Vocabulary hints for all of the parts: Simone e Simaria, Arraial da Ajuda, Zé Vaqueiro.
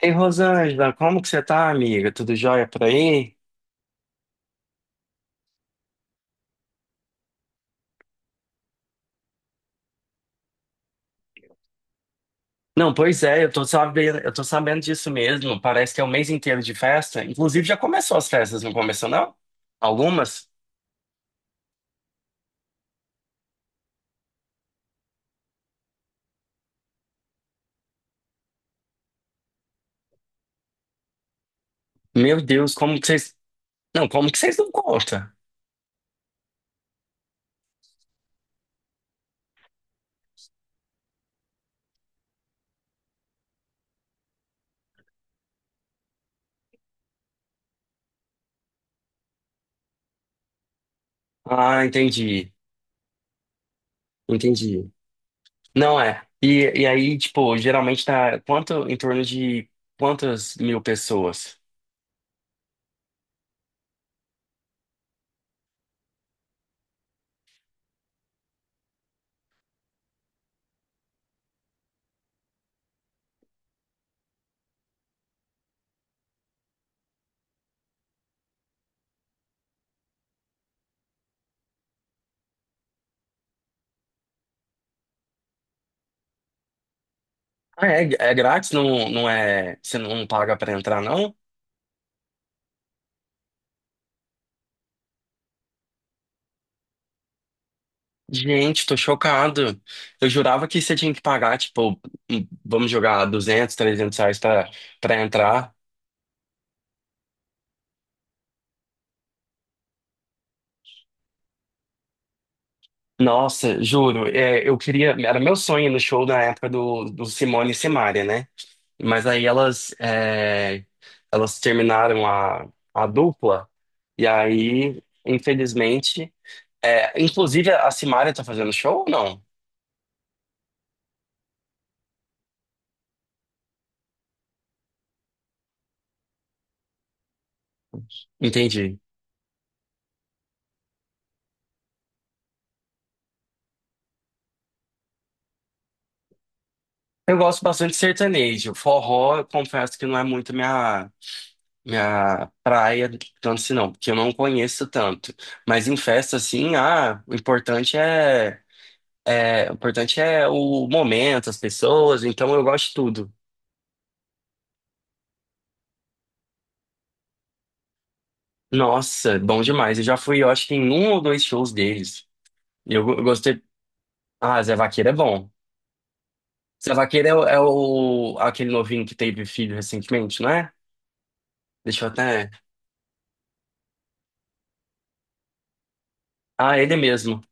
Ei, Rosângela, como que você tá, amiga? Tudo jóia por aí? Não, pois é, eu tô sabendo disso mesmo. Parece que é o mês inteiro de festa. Inclusive, já começou as festas, não começou, não? Algumas? Meu Deus, como que vocês... Não, como que vocês não contam? Ah, entendi. Entendi. Não é. E aí, tipo, geralmente tá quanto, em torno de quantas mil pessoas? Ah, é, é grátis? Não, não é... Você não paga pra entrar, não? Gente, tô chocado. Eu jurava que você tinha que pagar, tipo, vamos jogar 200, 300 reais pra entrar. Nossa, juro, é, eu queria. Era meu sonho ir no show na época do Simone e Simaria, né? Mas aí elas, é, elas terminaram a dupla, e aí, infelizmente. É, inclusive, a Simaria tá fazendo show ou não? Entendi. Eu gosto bastante de sertanejo. Forró, eu confesso que não é muito minha. Minha praia, tanto se não, porque eu não conheço tanto. Mas em festa, assim, ah, o importante é o momento, as pessoas, então eu gosto de tudo. Nossa, bom demais. Eu já fui, eu acho que em um ou dois shows deles. Eu gostei. Ah, Zé Vaqueiro é bom. Zé Vaqueiro é, é o- aquele novinho que teve filho recentemente, não é? Deixa eu até. Ah, ele mesmo.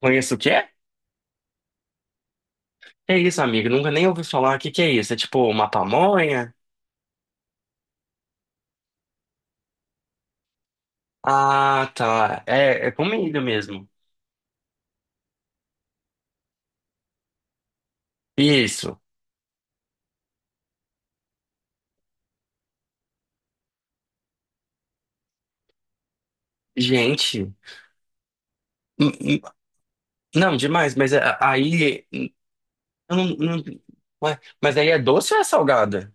Conheço o quê? É isso, amigo. Nunca nem ouvi falar. O que que é isso? É tipo uma pamonha? Ah, tá. É, é comida mesmo. Isso. Gente. n- n- Não, demais, mas a- aí. Eu Não, não, ué, mas aí é doce ou é salgada?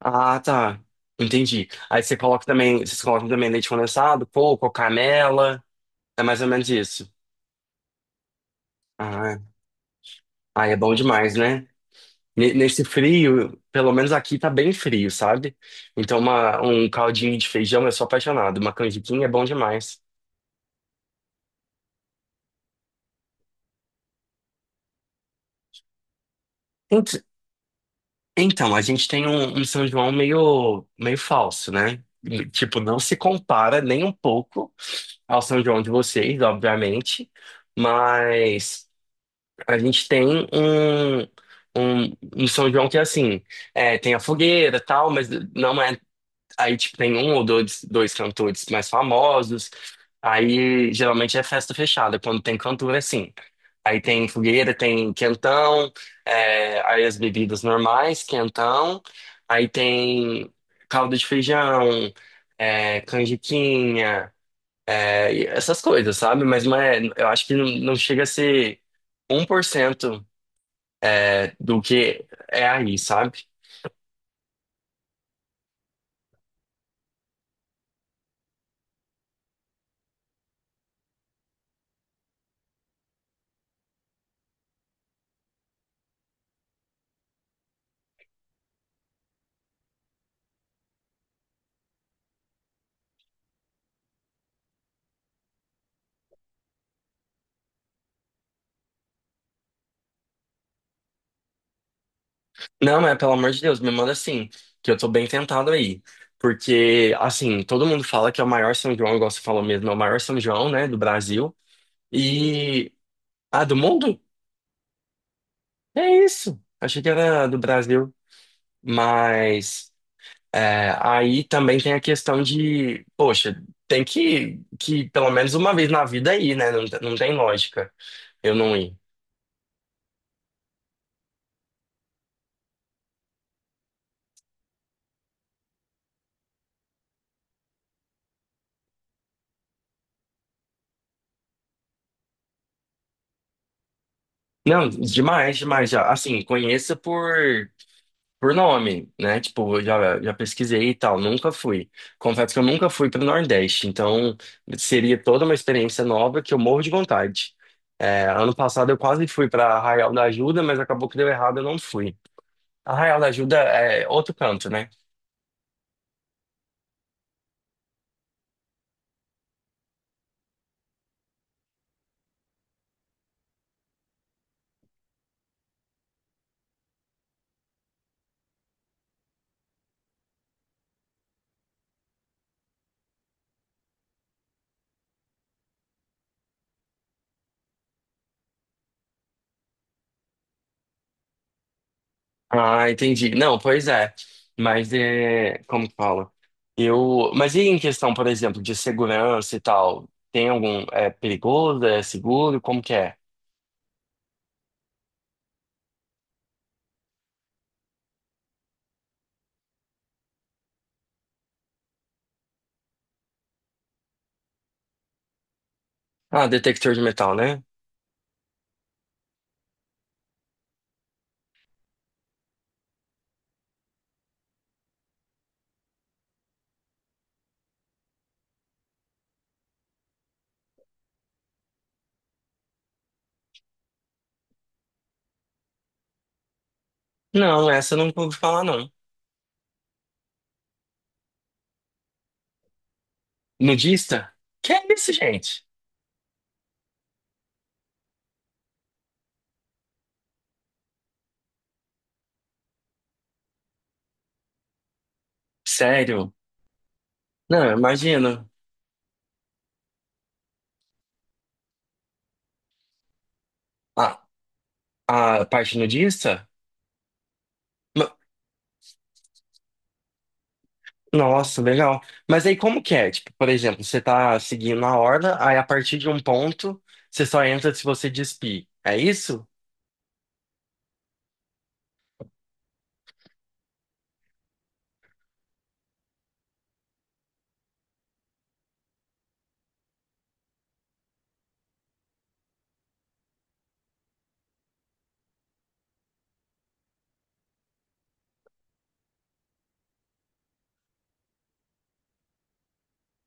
Ah, tá. Entendi. Aí você coloca também. Vocês colocam também leite condensado, coco, canela. É mais ou menos isso. Ah, aí é bom demais, né? Nesse frio, pelo menos aqui tá bem frio, sabe? Então, um caldinho de feijão, eu sou apaixonado. Uma canjiquinha é bom demais. Então, a gente tem um São João meio, meio falso, né? E, tipo, não se compara nem um pouco ao São João de vocês, obviamente, mas a gente tem um, um São João que, assim, é, tem a fogueira e tal, mas não é. Aí, tipo, tem um ou dois cantores mais famosos. Aí, geralmente é festa fechada, quando tem cantor, é assim. Aí tem fogueira, tem quentão, é, aí as bebidas normais, quentão. Aí tem caldo de feijão, é, canjiquinha, é, e essas coisas, sabe? Mas não é, eu acho que não, não chega a ser 1%, é, do que é aí, sabe? Não, mas pelo amor de Deus, me manda sim que eu tô bem tentado aí. Porque, assim, todo mundo fala que é o maior São João, igual você falou mesmo, é o maior São João, né, do Brasil. E. Ah, do mundo? É isso. Achei que era do Brasil. Mas. É, aí também tem a questão de, poxa, tem que pelo menos uma vez na vida ir, né? Não, não tem lógica eu não ir. Não, demais, demais. Já. Assim, conheça por. Por nome, né? Tipo, já pesquisei e tal, nunca fui. Confesso que eu nunca fui pro Nordeste, então seria toda uma experiência nova que eu morro de vontade. É, ano passado eu quase fui pra Arraial da Ajuda, mas acabou que deu errado, eu não fui. Arraial da Ajuda é outro canto, né? Ah, entendi. Não, pois é. Mas é, como que fala? Eu, mas e em questão, por exemplo, de segurança e tal? Tem algum, é perigoso, é seguro, como que é? Ah, detector de metal, né? Não, essa eu não pude falar, não. Nudista? Que é isso, gente? Sério? Não, imagina. A, a parte nudista? Ma- Nossa, legal. Mas aí como que é? Tipo, por exemplo, você tá seguindo a horda, aí a partir de um ponto, você só entra se você despir. É isso?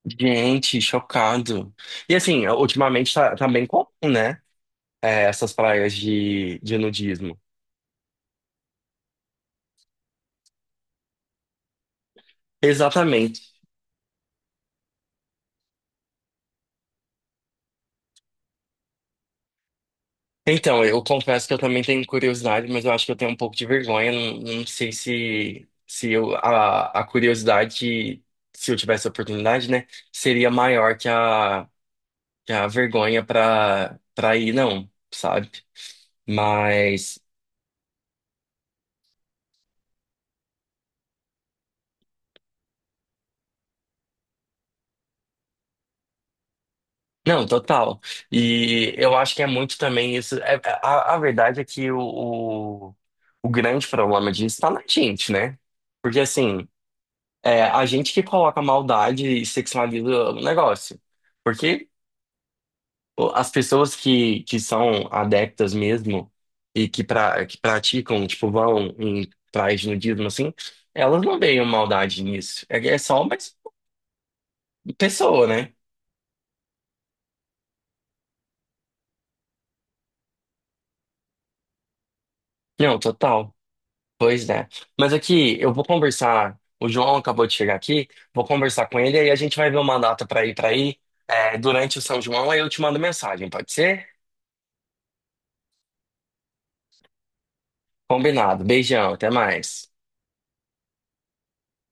Gente, chocado. E assim, tá bem comum, né? É, essas praias de nudismo. Exatamente. Então, eu confesso que eu também tenho curiosidade, mas eu acho que eu tenho um pouco de vergonha. Não, não sei se, se eu, a curiosidade, se eu tivesse a oportunidade, né, seria maior que que a vergonha para ir, não, sabe? Mas, não, total. E eu acho que é muito também isso. É, a verdade é que o, o grande problema disso está na gente, né? Porque assim. É a gente que coloca maldade e sexualiza o negócio. Porque as pessoas que são adeptas mesmo e que, pra, que praticam, tipo, vão em praias de nudismo, assim, elas não veem maldade nisso. É, é só uma pessoa, né? Não, total. Pois é. Mas aqui, eu vou conversar. O João acabou de chegar aqui, vou conversar com ele e aí a gente vai ver uma data pra ir pra aí é, durante o São João, aí eu te mando mensagem, pode ser? Combinado. Beijão, até mais.